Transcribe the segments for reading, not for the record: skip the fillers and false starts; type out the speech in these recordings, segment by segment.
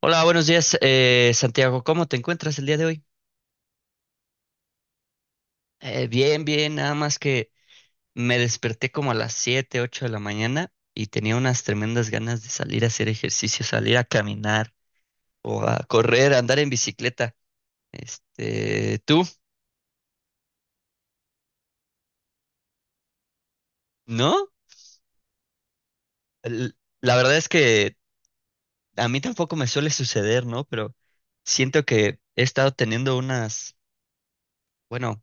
Hola, buenos días, Santiago. ¿Cómo te encuentras el día de hoy? Bien, bien, nada más que me desperté como a las 7, 8 de la mañana y tenía unas tremendas ganas de salir a hacer ejercicio, salir a caminar o a correr, a andar en bicicleta. Este, ¿tú? ¿No? El- La verdad es que a mí tampoco me suele suceder, ¿no? Pero siento que he estado teniendo unas, bueno,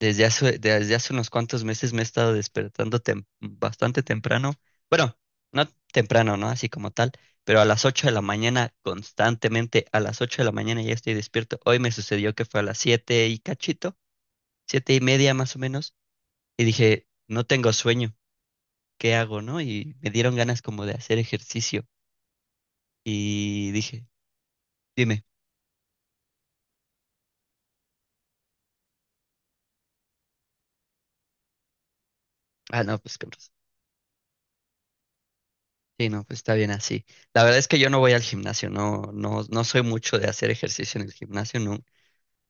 desde hace unos cuantos meses me he estado despertando bastante temprano. Bueno, no temprano, ¿no? Así como tal, pero a las 8 de la mañana, constantemente, a las 8 de la mañana ya estoy despierto. Hoy me sucedió que fue a las 7 y cachito, siete y media más o menos, y dije, no tengo sueño, ¿qué hago, no? Y me dieron ganas como de hacer ejercicio. Y dije, dime, ah, no, pues con razón. Sí, no, pues está bien así. La verdad es que yo no voy al gimnasio, no, no, no soy mucho de hacer ejercicio en el gimnasio, no.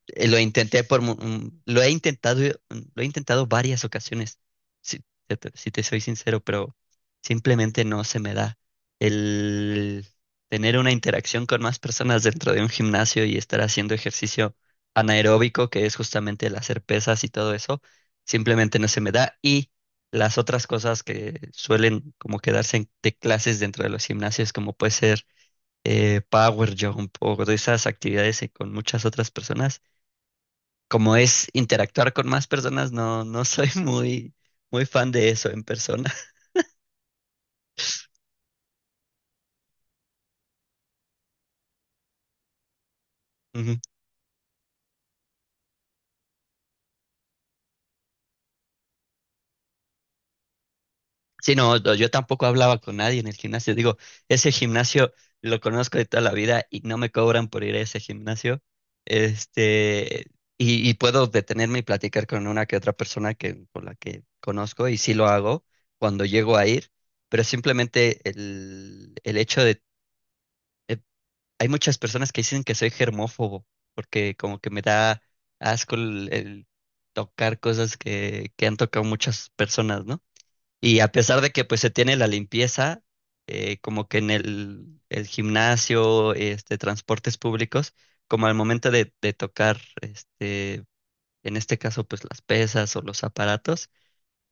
Lo intenté lo he intentado, lo he intentado varias ocasiones, si, si te soy sincero, pero simplemente no se me da el tener una interacción con más personas dentro de un gimnasio y estar haciendo ejercicio anaeróbico, que es justamente el hacer pesas y todo eso, simplemente no se me da. Y las otras cosas que suelen como quedarse de clases dentro de los gimnasios, como puede ser power jump o de esas actividades con muchas otras personas como es interactuar con más personas, no, no soy muy, muy fan de eso en persona. Ujú. Sí, no, no, yo tampoco hablaba con nadie en el gimnasio. Digo, ese gimnasio lo conozco de toda la vida y no me cobran por ir a ese gimnasio. Este, y puedo detenerme y platicar con una que otra persona que, con la que conozco y sí lo hago cuando llego a ir, pero simplemente el hecho de, eh, hay muchas personas que dicen que soy germófobo, porque como que me da asco el tocar cosas que han tocado muchas personas, ¿no? Y a pesar de que pues se tiene la limpieza, como que en el gimnasio, este, transportes públicos, como al momento de tocar, este, en este caso pues las pesas o los aparatos,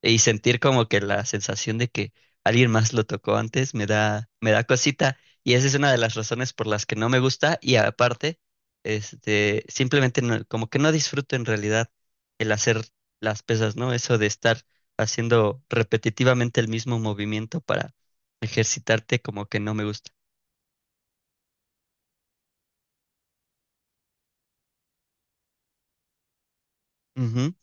y sentir como que la sensación de que alguien más lo tocó antes me da cosita. Y esa es una de las razones por las que no me gusta. Y aparte, este, simplemente como que no disfruto en realidad el hacer las pesas, ¿no? Eso de estar haciendo repetitivamente el mismo movimiento para ejercitarte, como que no me gusta. Ujú.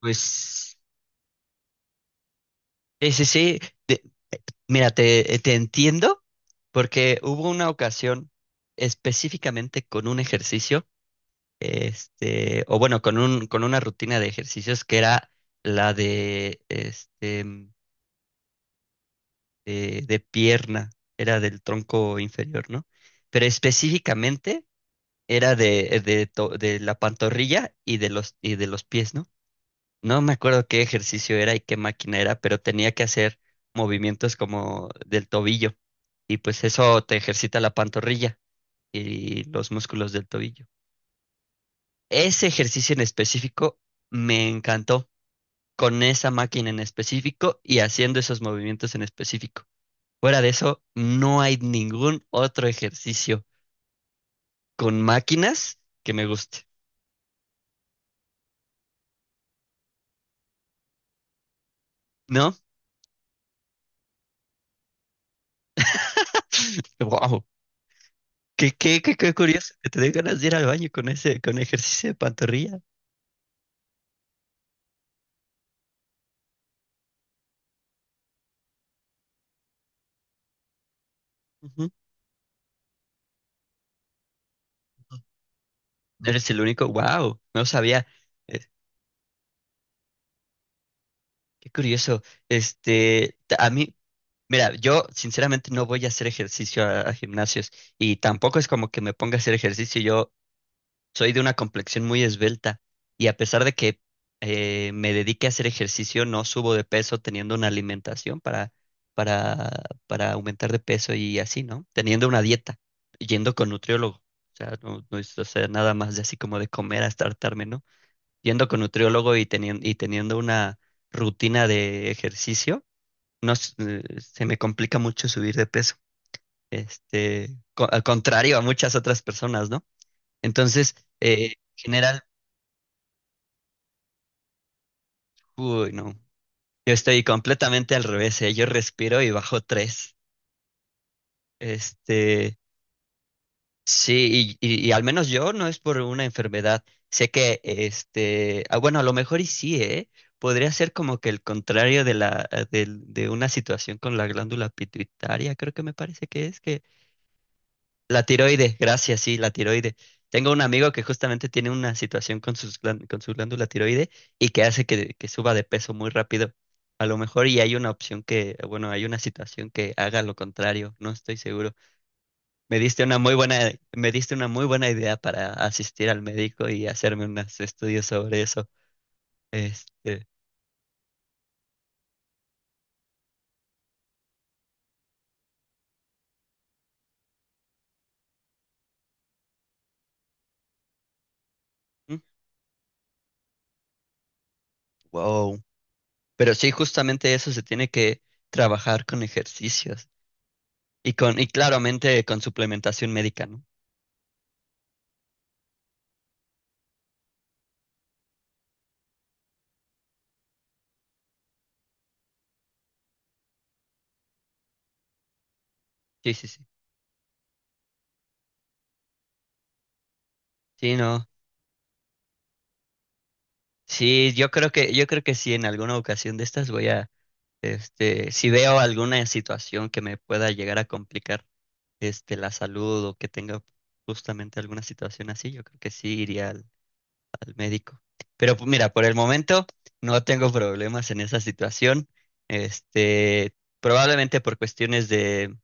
Pues sí, sí, sí. Mira, te entiendo porque hubo una ocasión específicamente con un ejercicio este, o bueno, con un, con una rutina de ejercicios que era la de, este, de pierna, era del tronco inferior, ¿no? Pero específicamente era de, de la pantorrilla y de los pies, ¿no? No me acuerdo qué ejercicio era y qué máquina era, pero tenía que hacer movimientos como del tobillo. Y pues eso te ejercita la pantorrilla y los músculos del tobillo. Ese ejercicio en específico me encantó con esa máquina en específico y haciendo esos movimientos en específico. Fuera de eso, no hay ningún otro ejercicio con máquinas que me guste, ¿no? ¡Wow! Qué, qué, qué, qué curioso que te den ganas de ir al baño con ese, con ejercicio de pantorrilla. Ujú. Eres el único, wow, no sabía. Eh, qué curioso. Este, a mí, mira, yo sinceramente no voy a hacer ejercicio a gimnasios y tampoco es como que me ponga a hacer ejercicio. Yo soy de una complexión muy esbelta y a pesar de que me dedique a hacer ejercicio, no subo de peso teniendo una alimentación para, para aumentar de peso y así, ¿no? Teniendo una dieta, yendo con nutriólogo. O sea, no, no es o sea, nada más de así como de comer hasta hartarme, ¿no? Yendo con nutriólogo y teniendo una rutina de ejercicio, no, se me complica mucho subir de peso. Este, al contrario a muchas otras personas, ¿no? Entonces, general Uy, no. Yo estoy completamente al revés, ¿eh? Yo respiro y bajo tres. Este, sí, y al menos yo no es por una enfermedad. Sé que, este, ah, bueno, a lo mejor y sí, ¿eh? Podría ser como que el contrario de de, una situación con la glándula pituitaria, creo que me parece que es, la tiroide, gracias, sí, la tiroide. Tengo un amigo que justamente tiene una situación con con su glándula tiroide y que hace que suba de peso muy rápido. A lo mejor y hay una opción que, bueno, hay una situación que haga lo contrario, no estoy seguro. Me diste una muy buena, me diste una muy buena idea para asistir al médico y hacerme unos estudios sobre eso. Este, mm, wow. Pero sí, justamente eso se tiene que trabajar con ejercicios y con, y claramente con suplementación médica, ¿no? Sí, sí, sí. Sí, no. Sí, yo creo que sí, en alguna ocasión de estas voy a, este, si veo alguna situación que me pueda llegar a complicar, este, la salud o que tenga justamente alguna situación así, yo creo que sí iría al, al médico. Pero pues, mira, por el momento no tengo problemas en esa situación. Este, probablemente por cuestiones de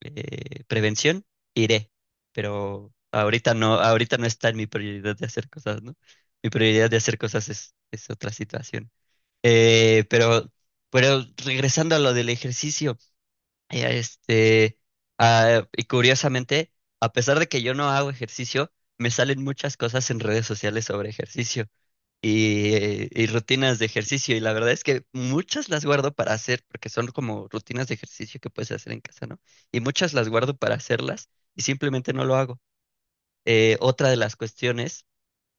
prevención, iré. Pero ahorita no está en mi prioridad de hacer cosas, ¿no? Mi prioridad de hacer cosas es otra situación. Eh, pero, pero regresando a lo del ejercicio, este, ah, y curiosamente, a pesar de que yo no hago ejercicio, me salen muchas cosas en redes sociales sobre ejercicio y rutinas de ejercicio. Y la verdad es que muchas las guardo para hacer, porque son como rutinas de ejercicio que puedes hacer en casa, ¿no? Y muchas las guardo para hacerlas y simplemente no lo hago. Otra de las cuestiones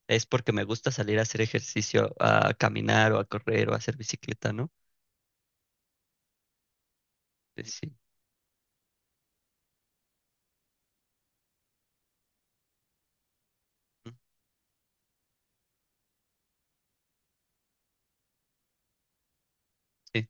es porque me gusta salir a hacer ejercicio, a caminar o a correr o a hacer bicicleta, ¿no? Sí, mm, sí,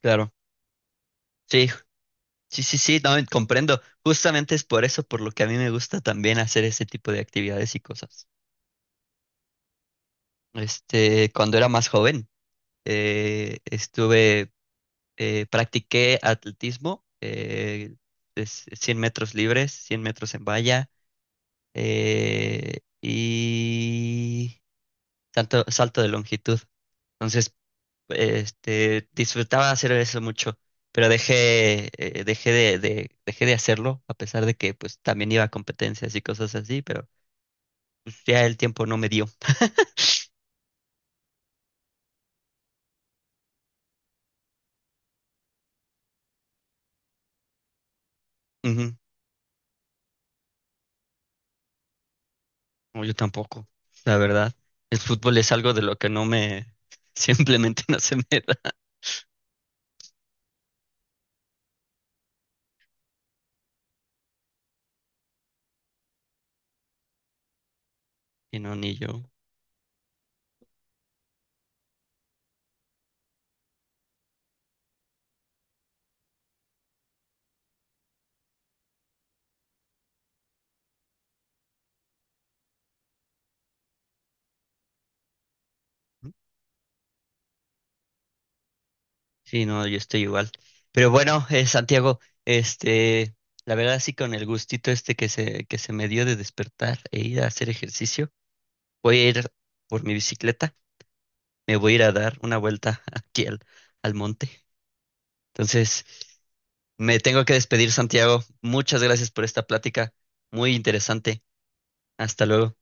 claro. Sí, sí, sí, sí, no, comprendo. Justamente es por eso por lo que a mí me gusta también hacer ese tipo de actividades y cosas. Este, cuando era más joven, estuve practiqué atletismo, es 100 metros libres, 100 metros en valla y salto, salto de longitud. Entonces, este, disfrutaba hacer eso mucho, pero dejé, dejé de hacerlo, a pesar de que pues también iba a competencias y cosas así, pero pues, ya el tiempo no me dio. Ujú. No, yo tampoco, la verdad. El fútbol es algo de lo que no me, simplemente no se me da. Y no, ni yo. Sí, no, yo estoy igual. Pero bueno, Santiago, este, la verdad sí con el gustito este que se me dio de despertar e ir a hacer ejercicio, voy a ir por mi bicicleta, me voy a ir a dar una vuelta aquí al, al monte. Entonces, me tengo que despedir, Santiago. Muchas gracias por esta plática, muy interesante. Hasta luego.